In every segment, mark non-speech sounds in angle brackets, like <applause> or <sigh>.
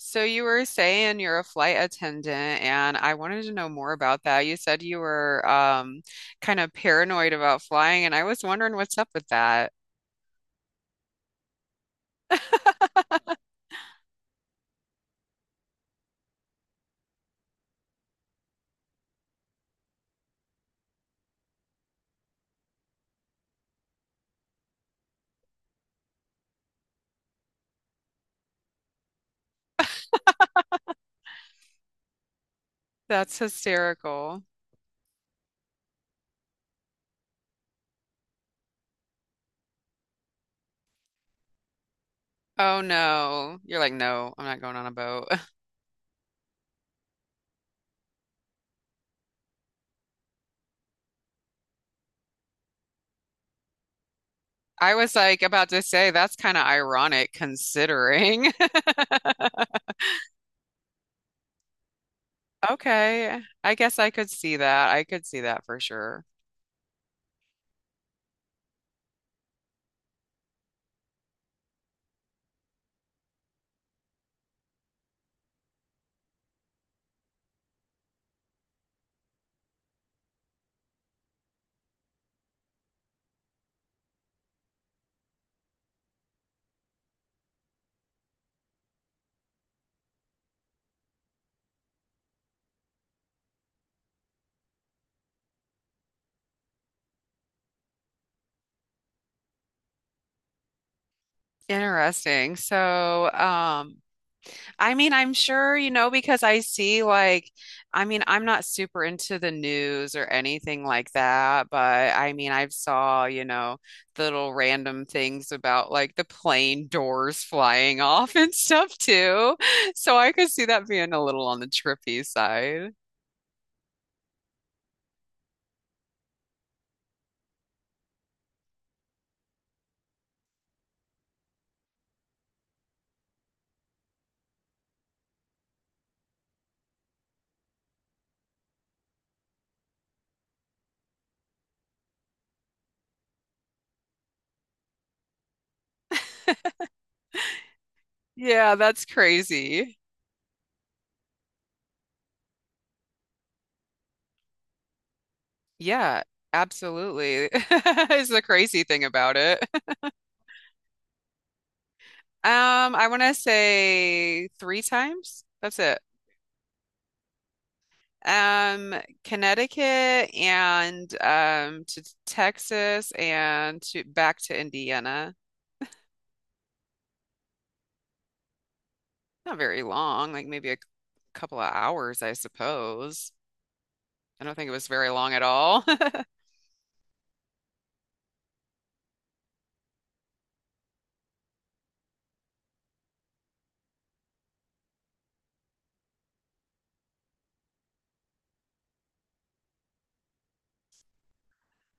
So you were saying you're a flight attendant, and I wanted to know more about that. You said you were kind of paranoid about flying, and I was wondering what's up with that. That's hysterical. Oh no. You're like, no, I'm not going on a boat. <laughs> I was like about to say that's kind of ironic considering. <laughs> Okay, I guess I could see that. I could see that for sure. Interesting. I mean, I'm sure, you know, because I see like, I mean, I'm not super into the news or anything like that, but I mean, I've saw, little random things about like the plane doors flying <laughs> off and stuff too. So I could see that being a little on the trippy side. Yeah, that's crazy. Yeah, absolutely. <laughs> Is the crazy thing about it. <laughs> I want to say three times. That's it. Um, Connecticut and to Texas and to back to Indiana. Not very long, like maybe a couple of hours, I suppose. I don't think it was very long at all. <laughs>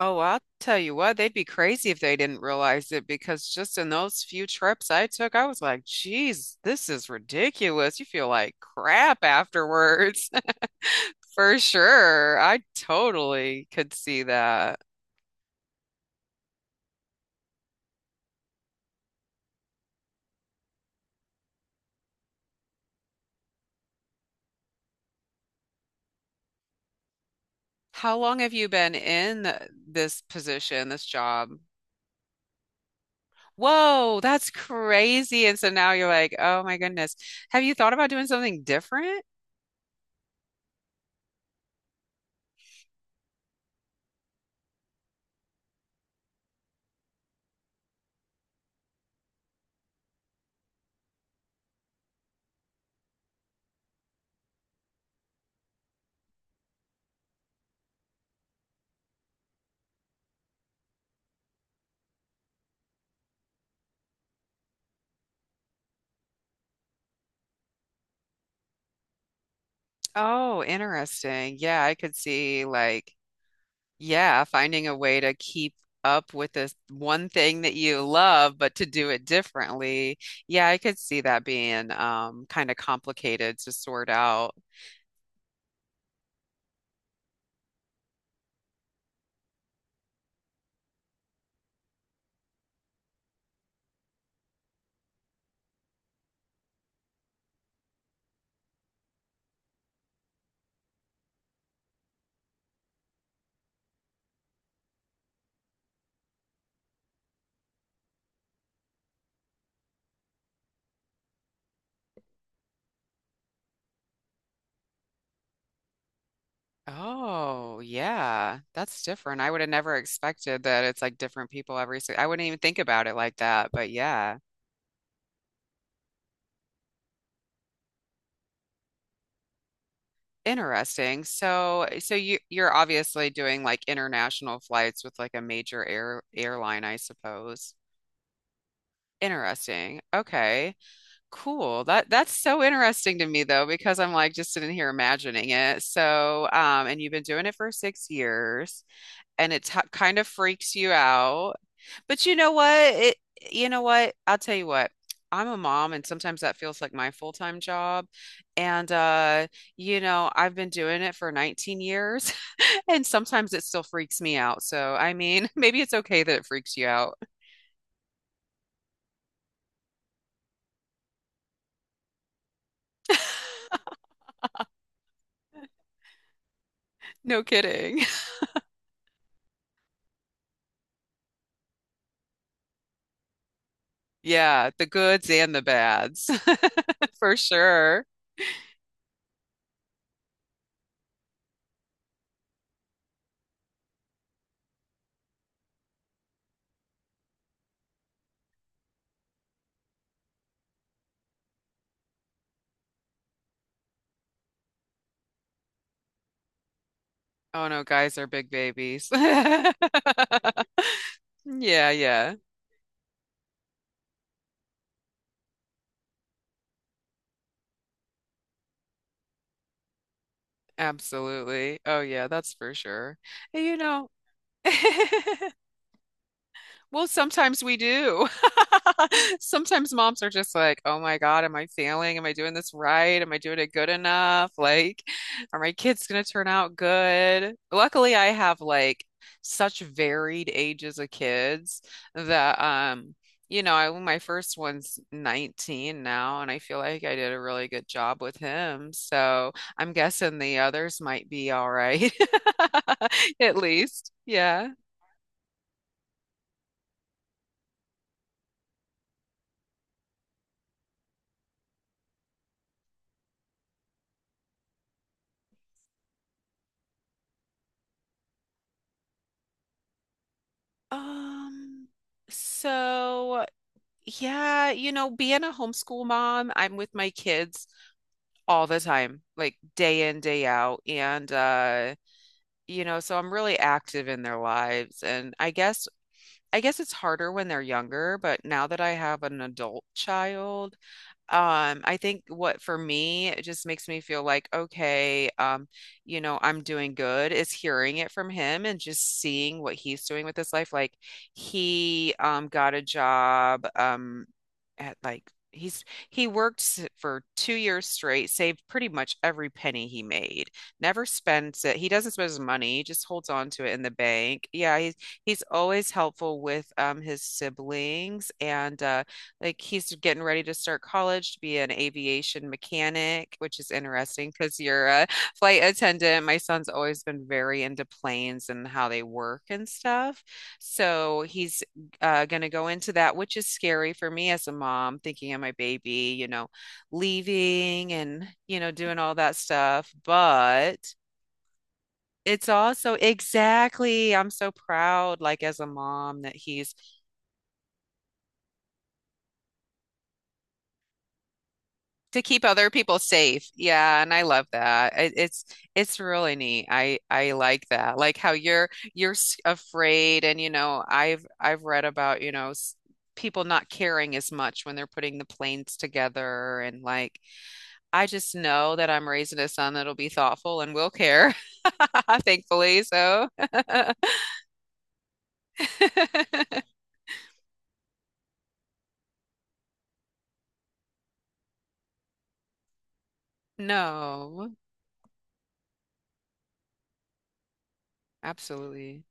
Oh, well, I'll tell you what, they'd be crazy if they didn't realize it because just in those few trips I took, I was like, geez, this is ridiculous. You feel like crap afterwards. <laughs> For sure. I totally could see that. How long have you been in this position, this job? Whoa, that's crazy. And so now you're like, oh my goodness. Have you thought about doing something different? Oh, interesting. Yeah, I could see like, yeah, finding a way to keep up with this one thing that you love, but to do it differently. Yeah, I could see that being kind of complicated to sort out. Oh, yeah. That's different. I would have never expected that it's like different people every I wouldn't even think about it like that, but yeah. Interesting. So, so you're obviously doing like international flights with like a major airline, I suppose. Interesting. Okay. Cool. That's so interesting to me though, because I'm like just sitting here imagining it. And you've been doing it for 6 years and it t kind of freaks you out. But you know what? You know what? I'll tell you what. I'm a mom, and sometimes that feels like my full-time job. And you know, I've been doing it for 19 years, <laughs> and sometimes it still freaks me out. So, I mean, <laughs> maybe it's okay that it freaks you out. No kidding. <laughs> Yeah, the goods and the bads, <laughs> for sure. Oh no, guys are big babies. <laughs> Yeah, yeah, absolutely. Oh yeah, that's for sure. You know. <laughs> Well, sometimes we do. <laughs> Sometimes moms are just like, oh my God, am I failing? Am I doing this right? Am I doing it good enough? Like, are my kids going to turn out good? Luckily, I have like such varied ages of kids that, you know, my first one's 19 now, and I feel like I did a really good job with him. So I'm guessing the others might be all right, <laughs> at least. Yeah. Um, so, yeah, you know, being a homeschool mom, I'm with my kids all the time, like day in, day out. And you know, so I'm really active in their lives. And I guess it's harder when they're younger, but now that I have an adult child, I think what for me it just makes me feel like, okay, you know, I'm doing good is hearing it from him and just seeing what he's doing with his life. Like he got a job at he's he worked for 2 years straight, saved pretty much every penny he made, never spends it. He doesn't spend his money, he just holds on to it in the bank. Yeah, he's always helpful with his siblings and like he's getting ready to start college to be an aviation mechanic, which is interesting because you're a <laughs> flight attendant. My son's always been very into planes and how they work and stuff. So he's going to go into that, which is scary for me as a mom, thinking of my baby, you know, leaving and, you know, doing all that stuff. But it's also exactly, I'm so proud, like as a mom, that he's to keep other people safe. Yeah, and I love that. It's really neat. I like that. Like how you're afraid and you know, I've read about, you know, people not caring as much when they're putting the planes together and like I just know that I'm raising a son that'll be thoughtful and will care, <laughs> thankfully. So, <laughs> no, absolutely.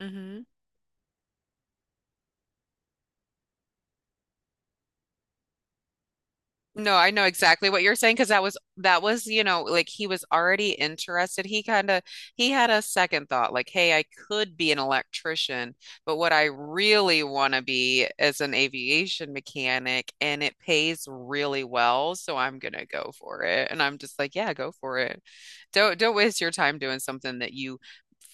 Mhm. No, I know exactly what you're saying because that was, you know, like he was already interested. He kind of he had a second thought like, hey, I could be an electrician, but what I really want to be is an aviation mechanic and it pays really well, so I'm gonna go for it. And I'm just like, yeah, go for it. Don't waste your time doing something that you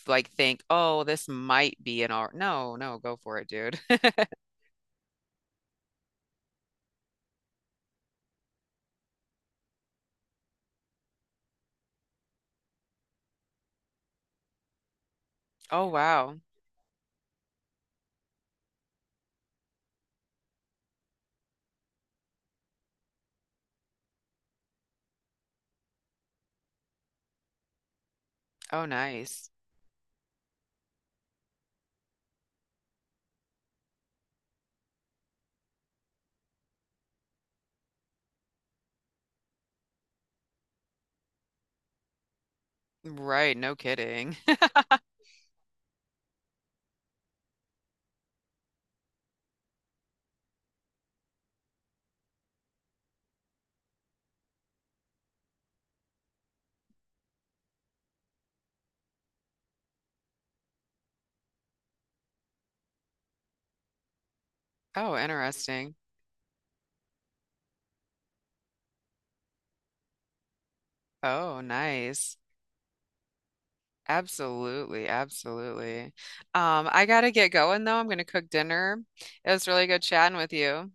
like think, oh, this might be an art. No, no, go for it, dude. <laughs> Oh, wow. Oh, nice. Right, no kidding. Oh, interesting. Oh, nice. Absolutely, absolutely. I gotta get going though. I'm gonna cook dinner. It was really good chatting with you.